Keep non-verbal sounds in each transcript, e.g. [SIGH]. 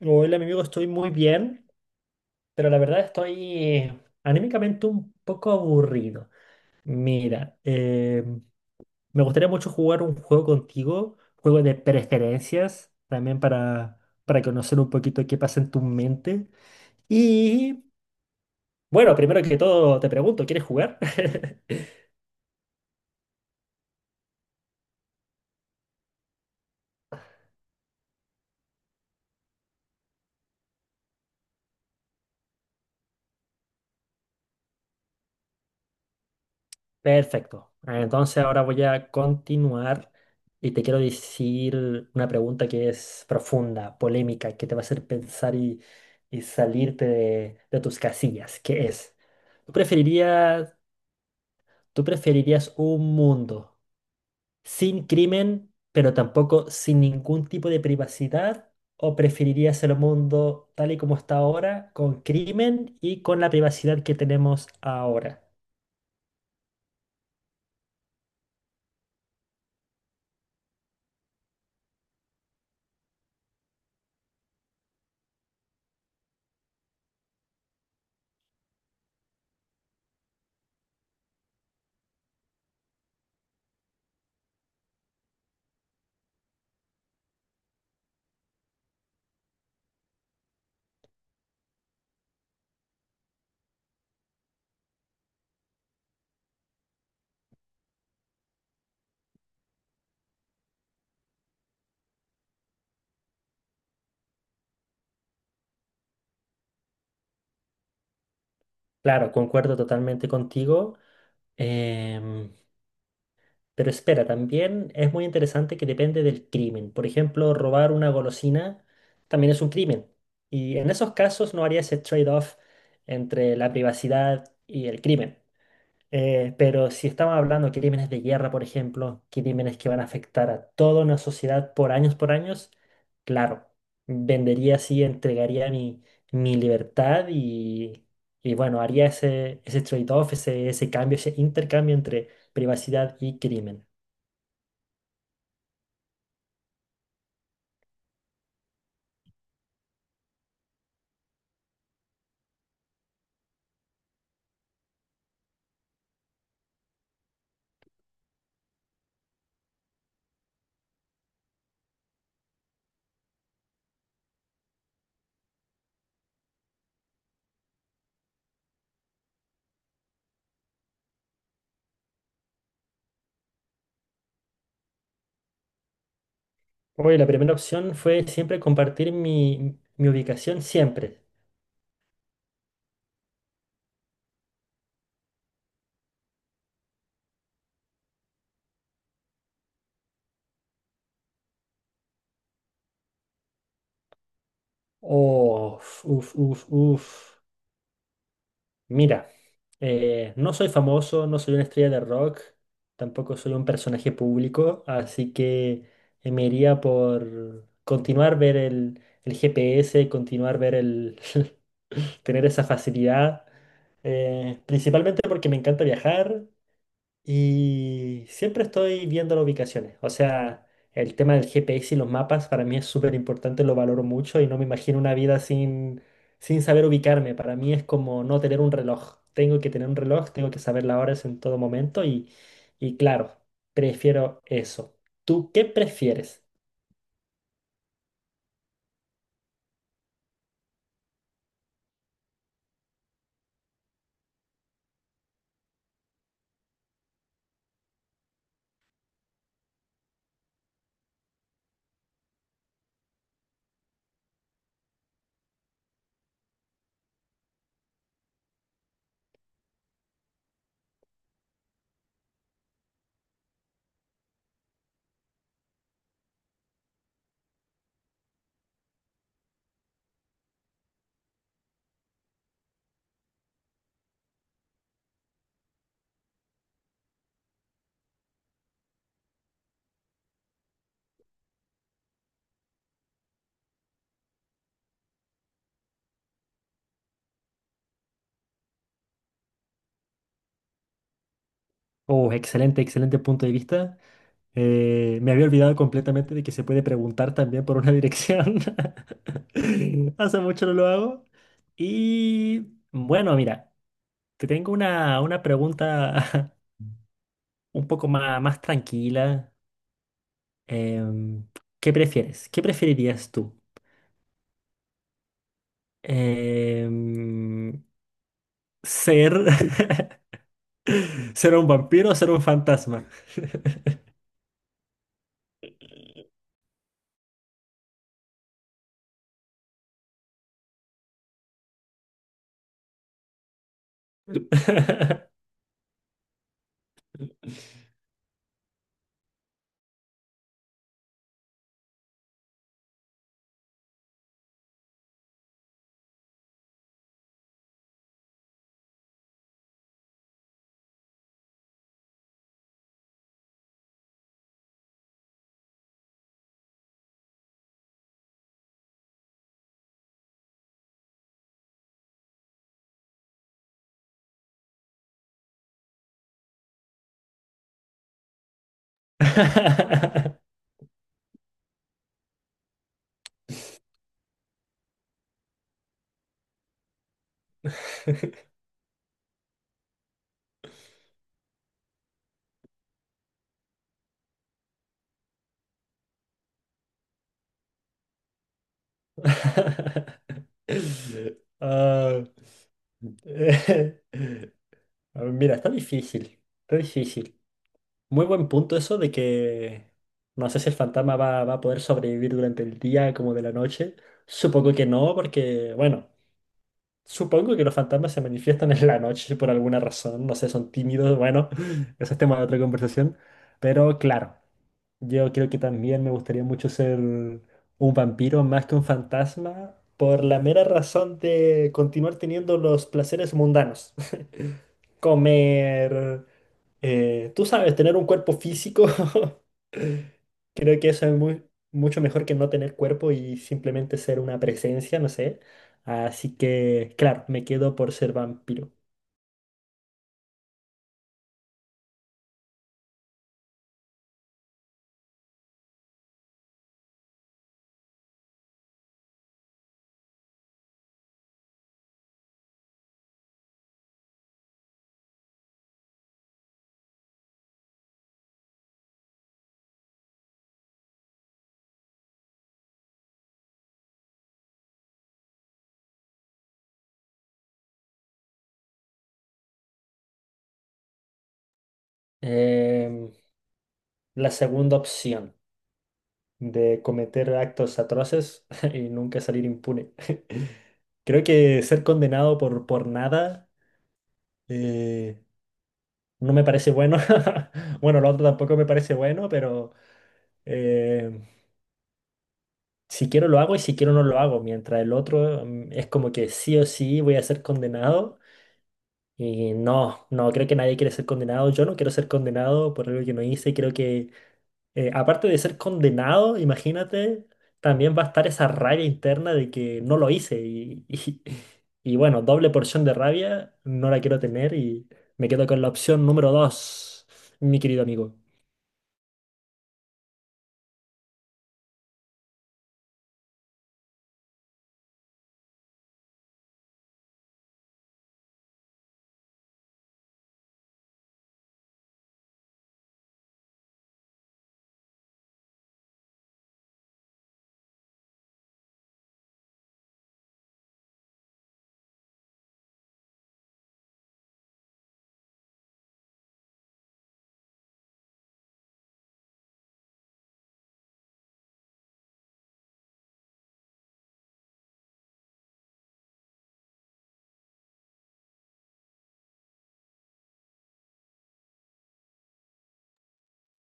Hola, mi amigo, estoy muy bien, pero la verdad estoy anímicamente un poco aburrido. Mira, me gustaría mucho jugar un juego contigo, juego de preferencias, también para conocer un poquito qué pasa en tu mente. Y bueno, primero que todo te pregunto, ¿quieres jugar? [LAUGHS] Perfecto. Entonces ahora voy a continuar y te quiero decir una pregunta que es profunda, polémica, que te va a hacer pensar y salirte de tus casillas, que es, ¿tú preferirías, ¿tú preferirías un mundo sin crimen, pero tampoco sin ningún tipo de privacidad? ¿O preferirías el mundo tal y como está ahora, con crimen y con la privacidad que tenemos ahora? Claro, concuerdo totalmente contigo. Em, pero espera, también es muy interesante que depende del crimen. Por ejemplo, robar una golosina también es un crimen. Y en esos casos no haría ese trade-off entre la privacidad y el crimen. Pero si estamos hablando de crímenes de guerra, por ejemplo, crímenes que van a afectar a toda una sociedad por años, claro, vendería así, entregaría mi libertad y bueno, haría ese trade-off, ese cambio, ese intercambio entre privacidad y crimen. Oye, la primera opción fue siempre compartir mi ubicación, siempre. Oh, uf, uf, uf. Mira, no soy famoso, no soy una estrella de rock, tampoco soy un personaje público, así que me iría por continuar ver el GPS, continuar ver el, [LAUGHS] tener esa facilidad, principalmente porque me encanta viajar, y siempre estoy viendo las ubicaciones. O sea, el tema del GPS y los mapas para mí es súper importante, lo valoro mucho y no me imagino una vida sin saber ubicarme. Para mí es como no tener un reloj. Tengo que tener un reloj, tengo que saber las horas en todo momento y claro, prefiero eso. ¿Tú qué prefieres? Oh, excelente, excelente punto de vista. Me había olvidado completamente de que se puede preguntar también por una dirección. [LAUGHS] Hace mucho no lo hago. Y bueno, mira, te tengo una pregunta [LAUGHS] un poco más tranquila. Em, ¿Qué prefieres? ¿Qué preferirías tú? Em, ¿ser, [LAUGHS] ¿ser un vampiro o ser un fantasma? [LAUGHS] [LAUGHS] Ah, Eh, [LAUGHS] A ver, mira, está difícil, está difícil. Muy buen punto eso de que no sé si el fantasma va a poder sobrevivir durante el día como de la noche. Supongo que no, porque, bueno, supongo que los fantasmas se manifiestan en la noche por alguna razón. No sé, son tímidos, bueno, [LAUGHS] eso es tema de otra conversación. Pero claro. Yo creo que también me gustaría mucho ser un vampiro más que un fantasma por la mera razón de continuar teniendo los placeres mundanos. [LAUGHS] Comer, tú sabes, tener un cuerpo físico. [LAUGHS] Creo que eso es mucho mejor que no tener cuerpo y simplemente ser una presencia, no sé. Así que, claro, me quedo por ser vampiro. Em, la segunda opción de cometer actos atroces [LAUGHS] y nunca salir impune. Creo que ser condenado por nada eh, no me parece bueno. [LAUGHS] Bueno, lo otro tampoco me parece bueno, pero eh, si quiero lo hago y si quiero no lo hago. Mientras el otro mm, es como que sí o sí voy a ser condenado. Y no, no, creo que nadie quiere ser condenado. Yo no quiero ser condenado por algo que no hice. Creo que aparte de ser condenado, imagínate, también va a estar esa rabia interna de que no lo hice. [LAUGHS] Y bueno, doble porción de rabia, no la quiero tener y me quedo con la opción número 2, mi querido amigo.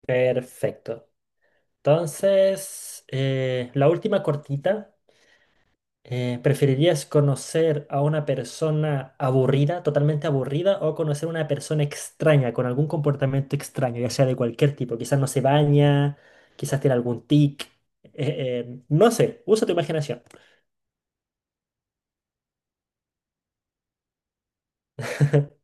Perfecto. Entonces, la última cortita. ¿Preferirías conocer a una persona aburrida, totalmente aburrida, o conocer a una persona extraña, con algún comportamiento extraño, ya sea de cualquier tipo? Quizás no se baña, quizás tiene algún tic, eh, no sé, usa tu imaginación. [LAUGHS]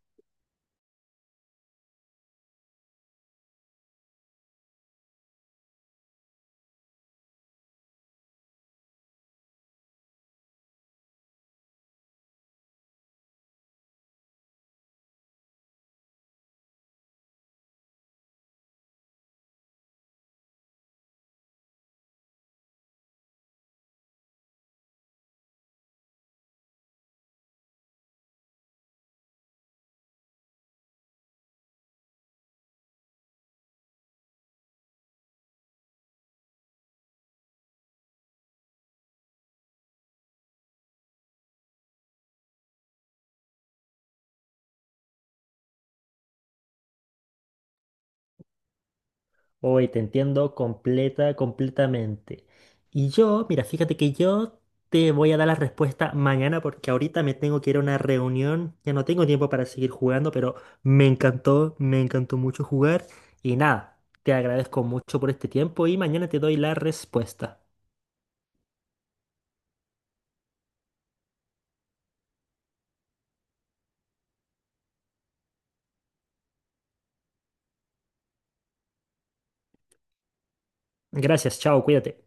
Hoy te entiendo completa, completamente. Y yo, mira, fíjate que yo te voy a dar la respuesta mañana porque ahorita me tengo que ir a una reunión. Ya no tengo tiempo para seguir jugando, pero me encantó mucho jugar. Y nada, te agradezco mucho por este tiempo y mañana te doy la respuesta. Gracias, chao, cuídate.